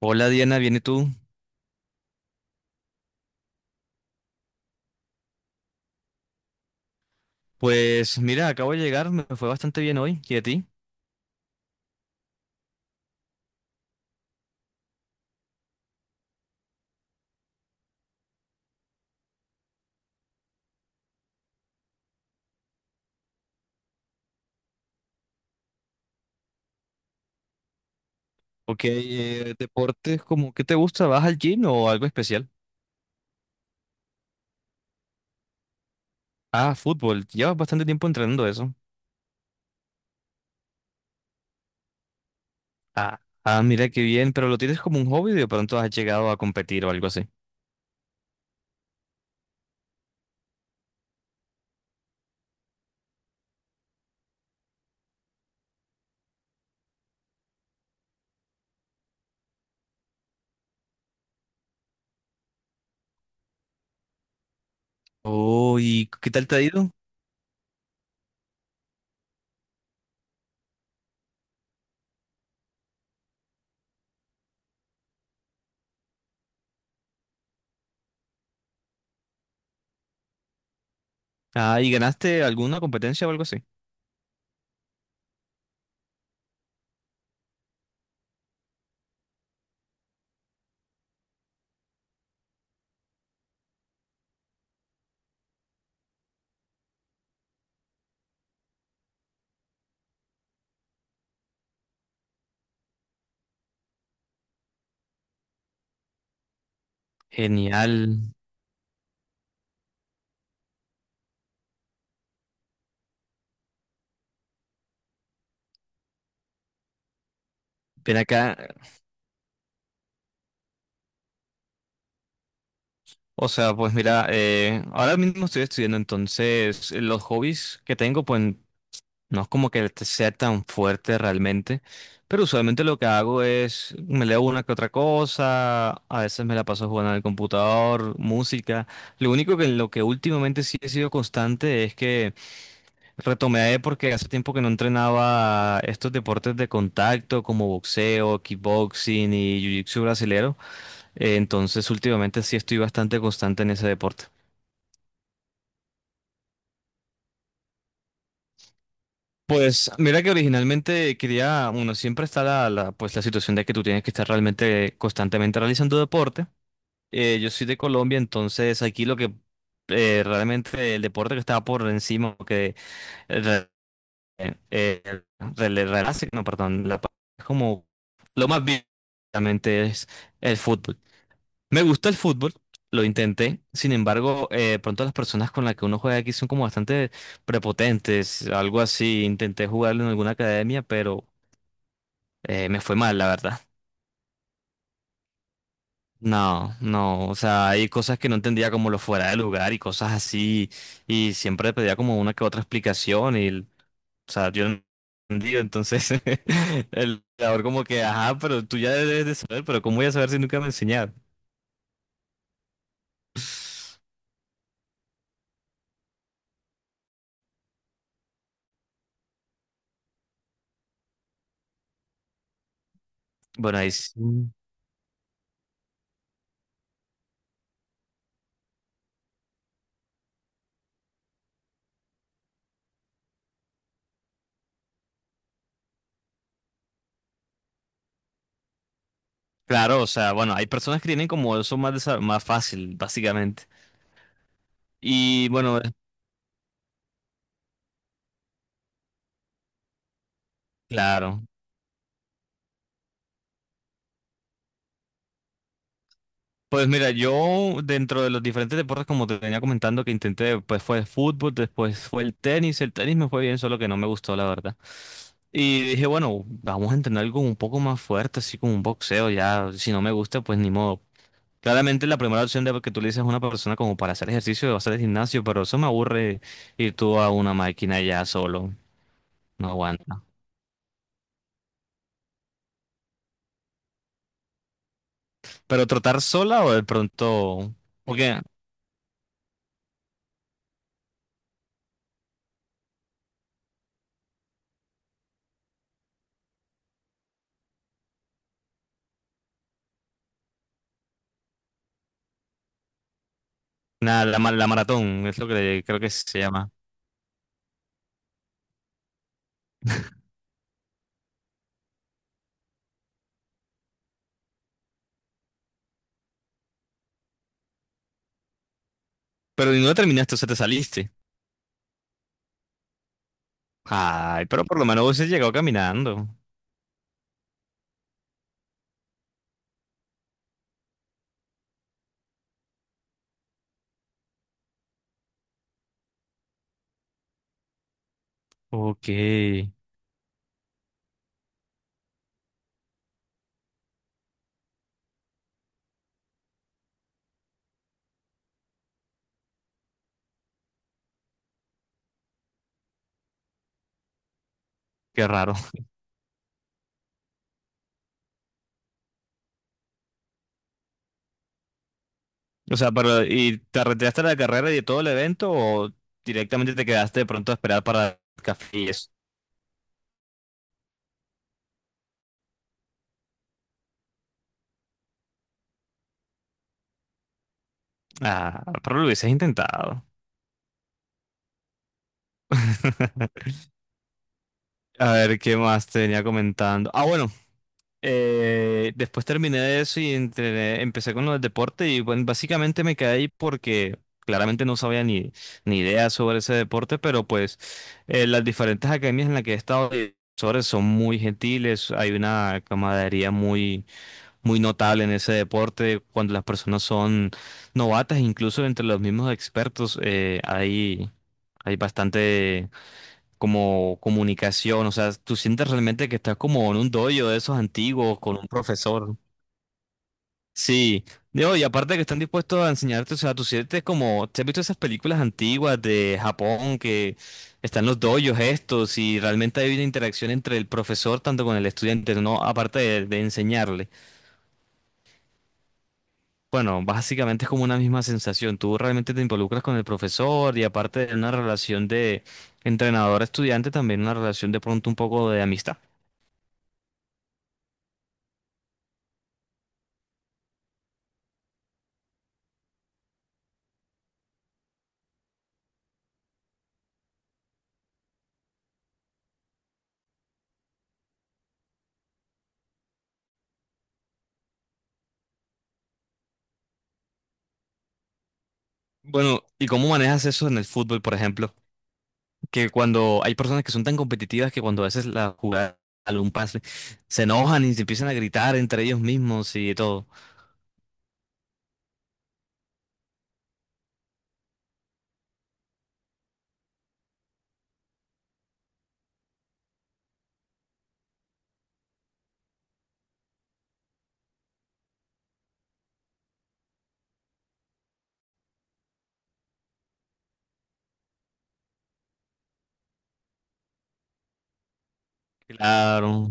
Hola Diana, ¿bien y tú? Pues mira, acabo de llegar, me fue bastante bien hoy. ¿Y a ti? Ok, deportes como, ¿qué te gusta? ¿Vas al gym o algo especial? Ah, fútbol, llevas bastante tiempo entrenando eso. Ah, ah, mira qué bien, pero lo tienes como un hobby y de pronto has llegado a competir o algo así. Oh, ¿y qué tal te ha ido? Ah, ¿y ganaste alguna competencia o algo así? Genial. Ven acá. O sea, pues mira, ahora mismo estoy estudiando, entonces los hobbies que tengo, pues no es como que sea tan fuerte realmente, pero usualmente lo que hago es me leo una que otra cosa, a veces me la paso jugando en el computador, música. Lo único que lo que últimamente sí he sido constante es que retomé porque hace tiempo que no entrenaba estos deportes de contacto como boxeo, kickboxing y jiu-jitsu brasilero. Entonces últimamente sí estoy bastante constante en ese deporte. Pues mira que originalmente quería, bueno, siempre está pues la situación de que tú tienes que estar realmente constantemente realizando deporte. Yo soy de Colombia, entonces aquí lo que realmente el deporte que estaba por encima, que eh, re- eh, no, perdón, es como lo más bien realmente es el fútbol. Me gusta el fútbol, lo intenté. Sin embargo, pronto las personas con las que uno juega aquí son como bastante prepotentes, algo así. Intenté jugarlo en alguna academia, pero me fue mal, la verdad. No, no, o sea, hay cosas que no entendía como lo fuera de lugar y cosas así, y siempre pedía como una que otra explicación y, o sea, yo no entendía, entonces el jugador como que, ajá, pero tú ya debes de saber, pero ¿cómo voy a saber si nunca me enseñaron? Bueno, ahí sí. Claro, o sea, bueno, hay personas que tienen como eso más, más fácil, básicamente. Y bueno, claro. Pues mira, yo dentro de los diferentes deportes, como te venía comentando, que intenté, pues fue el fútbol, después fue el tenis. El tenis me fue bien, solo que no me gustó, la verdad. Y dije, bueno, vamos a entrenar algo un poco más fuerte, así como un boxeo, ya, si no me gusta, pues ni modo. Claramente la primera opción de que tú le dices a una persona como para hacer ejercicio va a ser el gimnasio, pero eso me aburre ir tú a una máquina ya solo, no aguanta. ¿Pero trotar sola o de pronto? Porque, nada, la maratón es lo que creo que se llama. Pero y no terminaste, o sea, te saliste. Ay, pero por lo menos hubiese llegado caminando. Ok, qué raro. O sea, pero ¿y te retiraste de la carrera y de todo el evento o directamente te quedaste de pronto a esperar para el café y eso? Ah, pero lo hubieses intentado. A ver, ¿qué más te venía comentando? Ah, bueno, después terminé de eso y empecé con los deportes y bueno, básicamente me quedé ahí porque claramente no sabía ni, ni idea sobre ese deporte, pero pues las diferentes academias en las que he estado de profesores son muy gentiles, hay una camaradería muy, muy notable en ese deporte cuando las personas son novatas, incluso entre los mismos expertos hay bastante como comunicación, o sea, tú sientes realmente que estás como en un dojo de esos antiguos con un profesor. Sí, no, y aparte que están dispuestos a enseñarte, o sea, tú sientes como, ¿te has visto esas películas antiguas de Japón que están los dojos estos y realmente hay una interacción entre el profesor tanto con el estudiante, no aparte de enseñarle? Bueno, básicamente es como una misma sensación, tú realmente te involucras con el profesor y aparte de una relación de entrenador-estudiante, también una relación de pronto un poco de amistad. Bueno, ¿y cómo manejas eso en el fútbol, por ejemplo? Que cuando hay personas que son tan competitivas que cuando a veces la jugada, algún pase, se enojan y se empiezan a gritar entre ellos mismos y todo. Claro.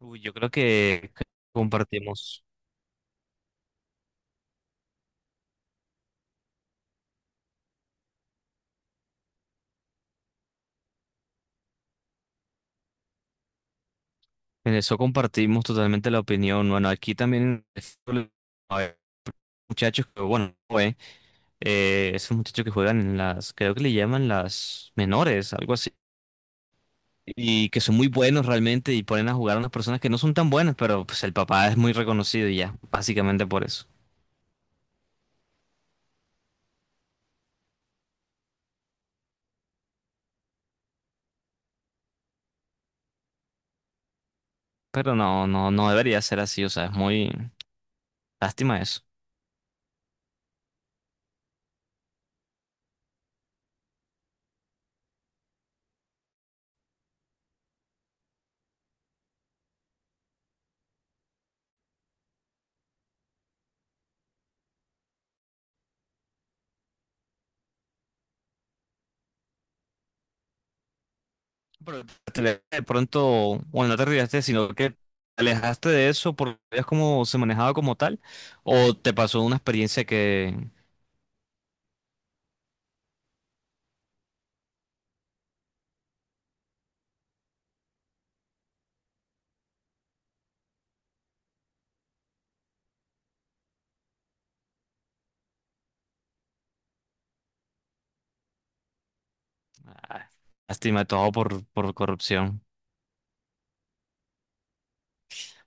Uy, yo creo que compartimos, en eso compartimos totalmente la opinión. Bueno, aquí también hay muchachos que, bueno, eh, esos muchachos que juegan en las, creo que le llaman las menores, algo así, y que son muy buenos realmente y ponen a jugar a unas personas que no son tan buenas, pero pues el papá es muy reconocido y ya, básicamente por eso. Pero no, no, no debería ser así, o sea, es muy lástima eso. Pero de pronto, bueno, no te arriesgaste, sino que te alejaste de eso porque veías cómo se manejaba como tal, o te pasó una experiencia que ah, lástima todo por corrupción.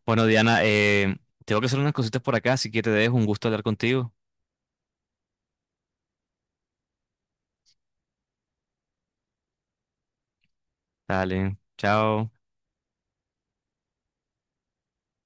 Bueno, Diana, tengo que hacer unas cositas por acá, así que te dejo, un gusto hablar contigo. Dale, chao.